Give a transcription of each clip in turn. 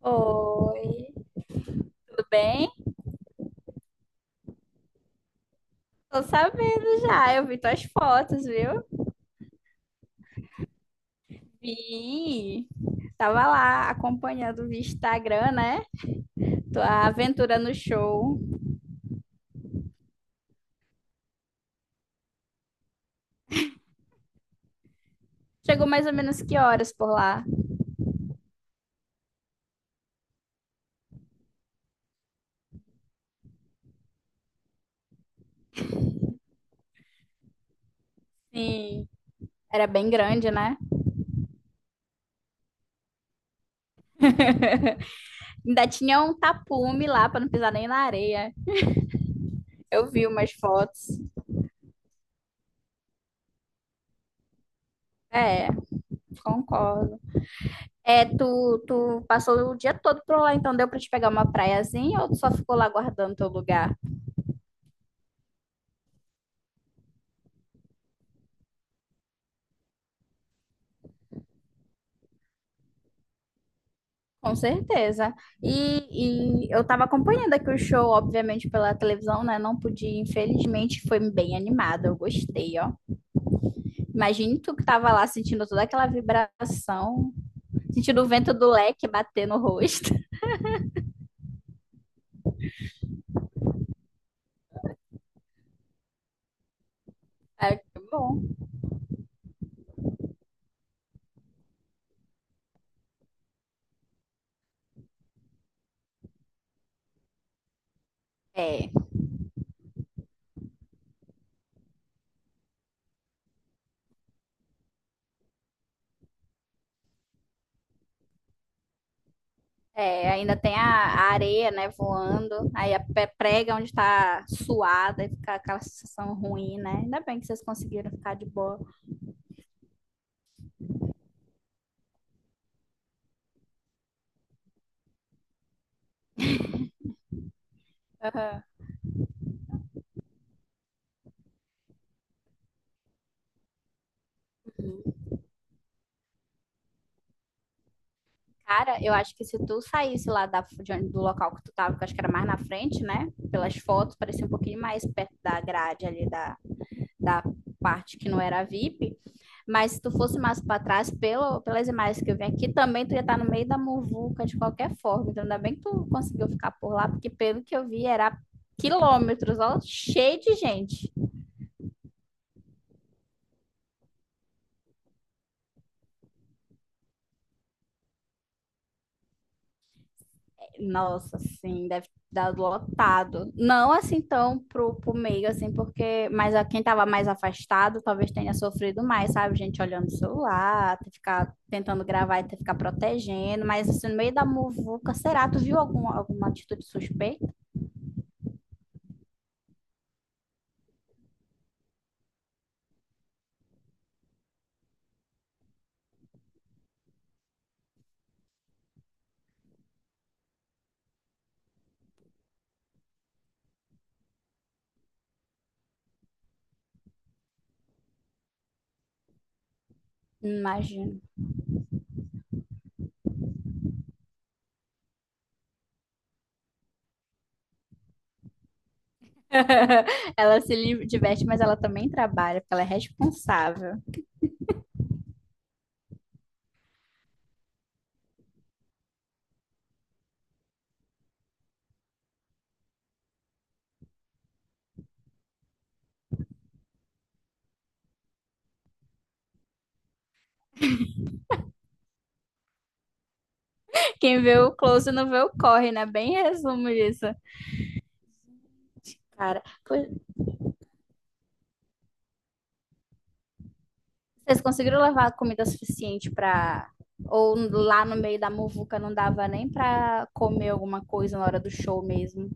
Oi, tudo bem? Tô sabendo já, eu vi tuas fotos, viu? Vi. Tava lá acompanhando via Instagram, né? Tua aventura no show. Chegou mais ou menos que horas por lá? Sim. Era bem grande, né? Ainda tinha um tapume lá pra não pisar nem na areia. Eu vi umas fotos. É, concordo. É, tu passou o dia todo por lá, então deu pra te pegar uma praiazinha ou tu só ficou lá guardando teu lugar? Com certeza. E eu estava acompanhando aqui o show, obviamente, pela televisão, né? Não podia, infelizmente, foi bem animado, eu gostei, ó. Imagine tu que tava lá sentindo toda aquela vibração, sentindo o vento do leque bater no rosto. É, que bom. É, é, ainda tem a areia, né, voando, aí a prega onde tá suada e fica aquela sensação ruim, né? Ainda bem que vocês conseguiram ficar de boa. Aham. Cara, eu acho que se tu saísse lá da, de onde, do local que tu tava, que eu acho que era mais na frente, né? Pelas fotos, parecia um pouquinho mais perto da grade ali da parte que não era VIP. Mas se tu fosse mais para trás, pelas imagens que eu vi aqui, também tu ia estar no meio da muvuca de qualquer forma. Então, ainda bem que tu conseguiu ficar por lá, porque pelo que eu vi, era quilômetros, ó, cheio de gente. Nossa, sim, deve ter dado lotado. Não assim tão pro meio, assim, porque. Mas a quem tava mais afastado talvez tenha sofrido mais, sabe? Gente olhando o celular, ter que ficar tentando gravar e ter que ficar protegendo. Mas assim, no meio da muvuca, será? Tu viu alguma atitude suspeita? Imagino. Ela se diverte, mas ela também trabalha, porque ela é responsável. Quem vê o close não vê o corre, né? Bem resumo isso. Cara, pois vocês conseguiram levar comida suficiente para, ou lá no meio da muvuca não dava nem pra comer alguma coisa na hora do show mesmo?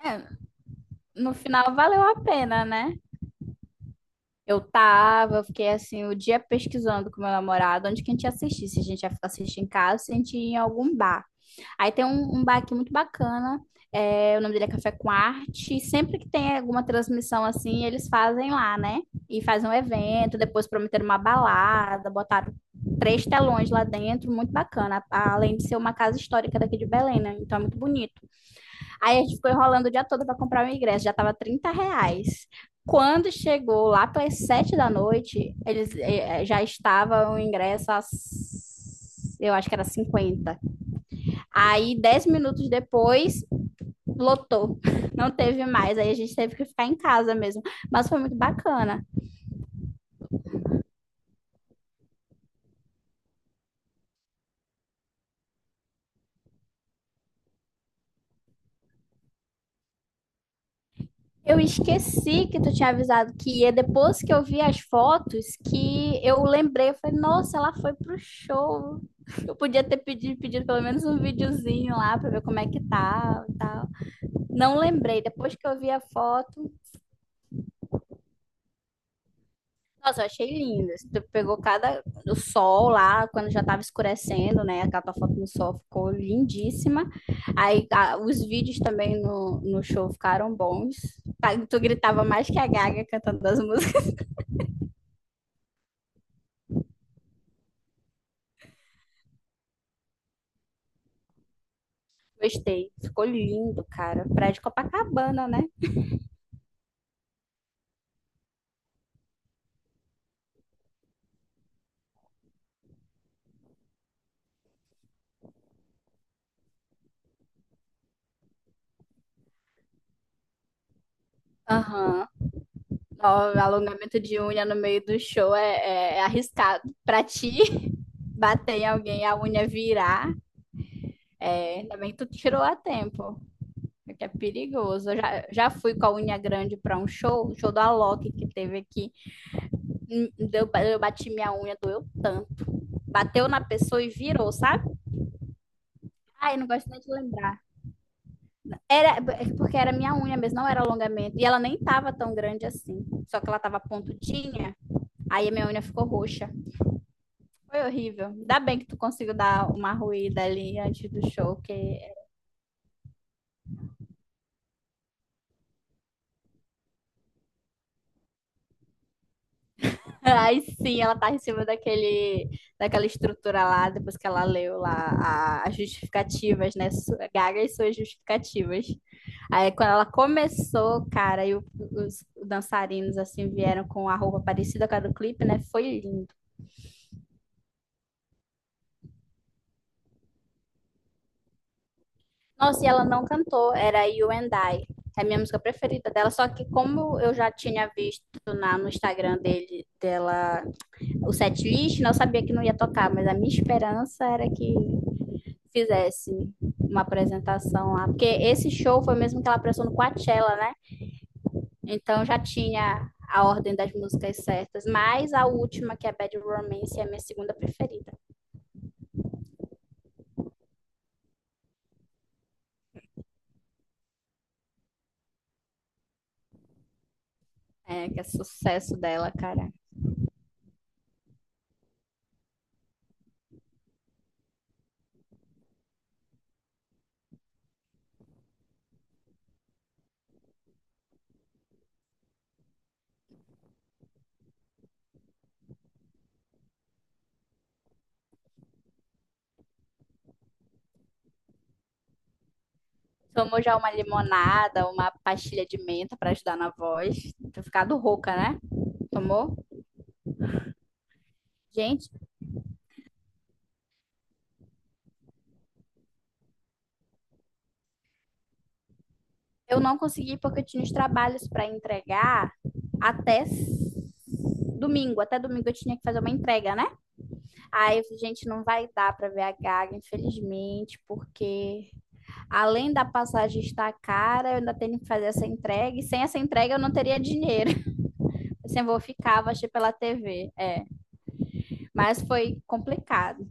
É, no final valeu a pena, né? Eu tava, eu fiquei assim, o dia pesquisando com meu namorado onde que a gente ia assistir, se a gente ia assistir em casa, se a gente ia em algum bar. Aí tem um bar aqui muito bacana. É, o nome dele é Café com Arte. Sempre que tem alguma transmissão assim, eles fazem lá, né? E fazem um evento, depois prometeram uma balada, botaram três telões lá dentro, muito bacana. Além de ser uma casa histórica daqui de Belém, né? Então é muito bonito. Aí a gente ficou enrolando o dia todo para comprar o ingresso, já tava R$ 30. Quando chegou lá pelas 7 da noite, eles já estava o ingresso às, eu acho que era 50. Aí, 10 minutos depois, lotou. Não teve mais. Aí a gente teve que ficar em casa mesmo. Mas foi muito bacana. Eu esqueci que tu tinha avisado que ia. Depois que eu vi as fotos, que eu lembrei. Eu falei, nossa, ela foi pro show. Eu podia ter pedido pelo menos um videozinho lá pra ver como é que tá e tal. Não lembrei. Depois que eu vi a foto, nossa, eu achei lindo. Assim, tu pegou cada o sol lá, quando já tava escurecendo, né? Aquela tua foto no sol ficou lindíssima. Aí os vídeos também no show ficaram bons. Tá, tu gritava mais que a Gaga cantando as músicas. Gostei. Ficou lindo, cara. Praia de Copacabana, né? Aham. Ó, alongamento de unha no meio do show é arriscado. Pra ti, bater em alguém, a unha virar. É, ainda bem que tu tirou a tempo. É que é perigoso. Eu já fui com a unha grande para um show, o show do Alok que teve aqui. Deu, eu bati minha unha, doeu tanto. Bateu na pessoa e virou, sabe? Ai, não gosto nem de lembrar. Era é porque era minha unha mesmo, não era alongamento. E ela nem tava tão grande assim. Só que ela tava pontudinha, aí a minha unha ficou roxa. Foi horrível. Ainda bem que tu conseguiu dar uma ruída ali antes do show, que. Aí sim, ela tá em cima daquele, daquela estrutura lá, depois que ela leu lá as justificativas, né? Gaga e suas justificativas. Aí quando ela começou, cara, e os dançarinos assim vieram com a roupa parecida com a do clipe, né? Foi lindo. Nossa, e ela não cantou, era You and I. É a minha música preferida dela, só que como eu já tinha visto no Instagram dela, o setlist, né, eu sabia que não ia tocar, mas a minha esperança era que fizesse uma apresentação lá. Porque esse show foi mesmo que ela prestou no Coachella, né? Então já tinha a ordem das músicas certas, mas a última, que é Bad Romance, é a minha segunda preferida. É, que é sucesso dela, cara. Tomou já uma limonada, uma pastilha de menta para ajudar na voz. Tô ficado rouca, né? Tomou? Gente, eu não consegui porque eu tinha os trabalhos para entregar até domingo. Até domingo eu tinha que fazer uma entrega, né? Aí, gente, não vai dar para ver a Gaga, infelizmente, porque além da passagem estar cara, eu ainda tenho que fazer essa entrega, e sem essa entrega eu não teria dinheiro. Assim, eu vou ficar, vou assistir pela TV, é. Mas foi complicado.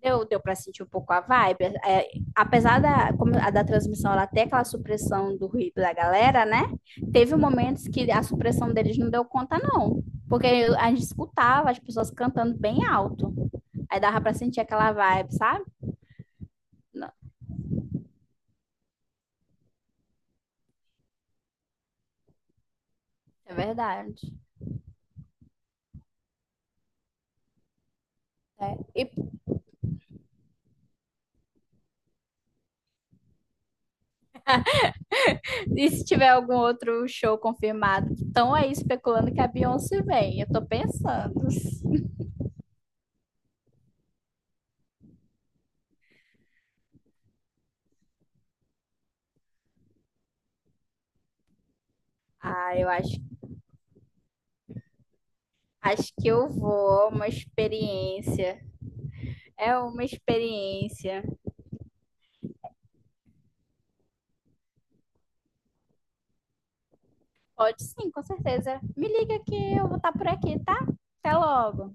Deu para sentir um pouco a vibe. É, apesar da, como a da transmissão, ela ter aquela supressão do ruído da galera, né? Teve momentos que a supressão deles não deu conta, não. Porque a gente escutava as pessoas cantando bem alto. Aí dava para sentir aquela vibe, sabe? É verdade. É. E, e se tiver algum outro show confirmado, estão aí especulando que a Beyoncé vem. Eu tô pensando. Ah, eu acho que eu vou. É uma experiência. É uma experiência. Pode sim, com certeza. Me liga que eu vou estar por aqui, tá? Até logo.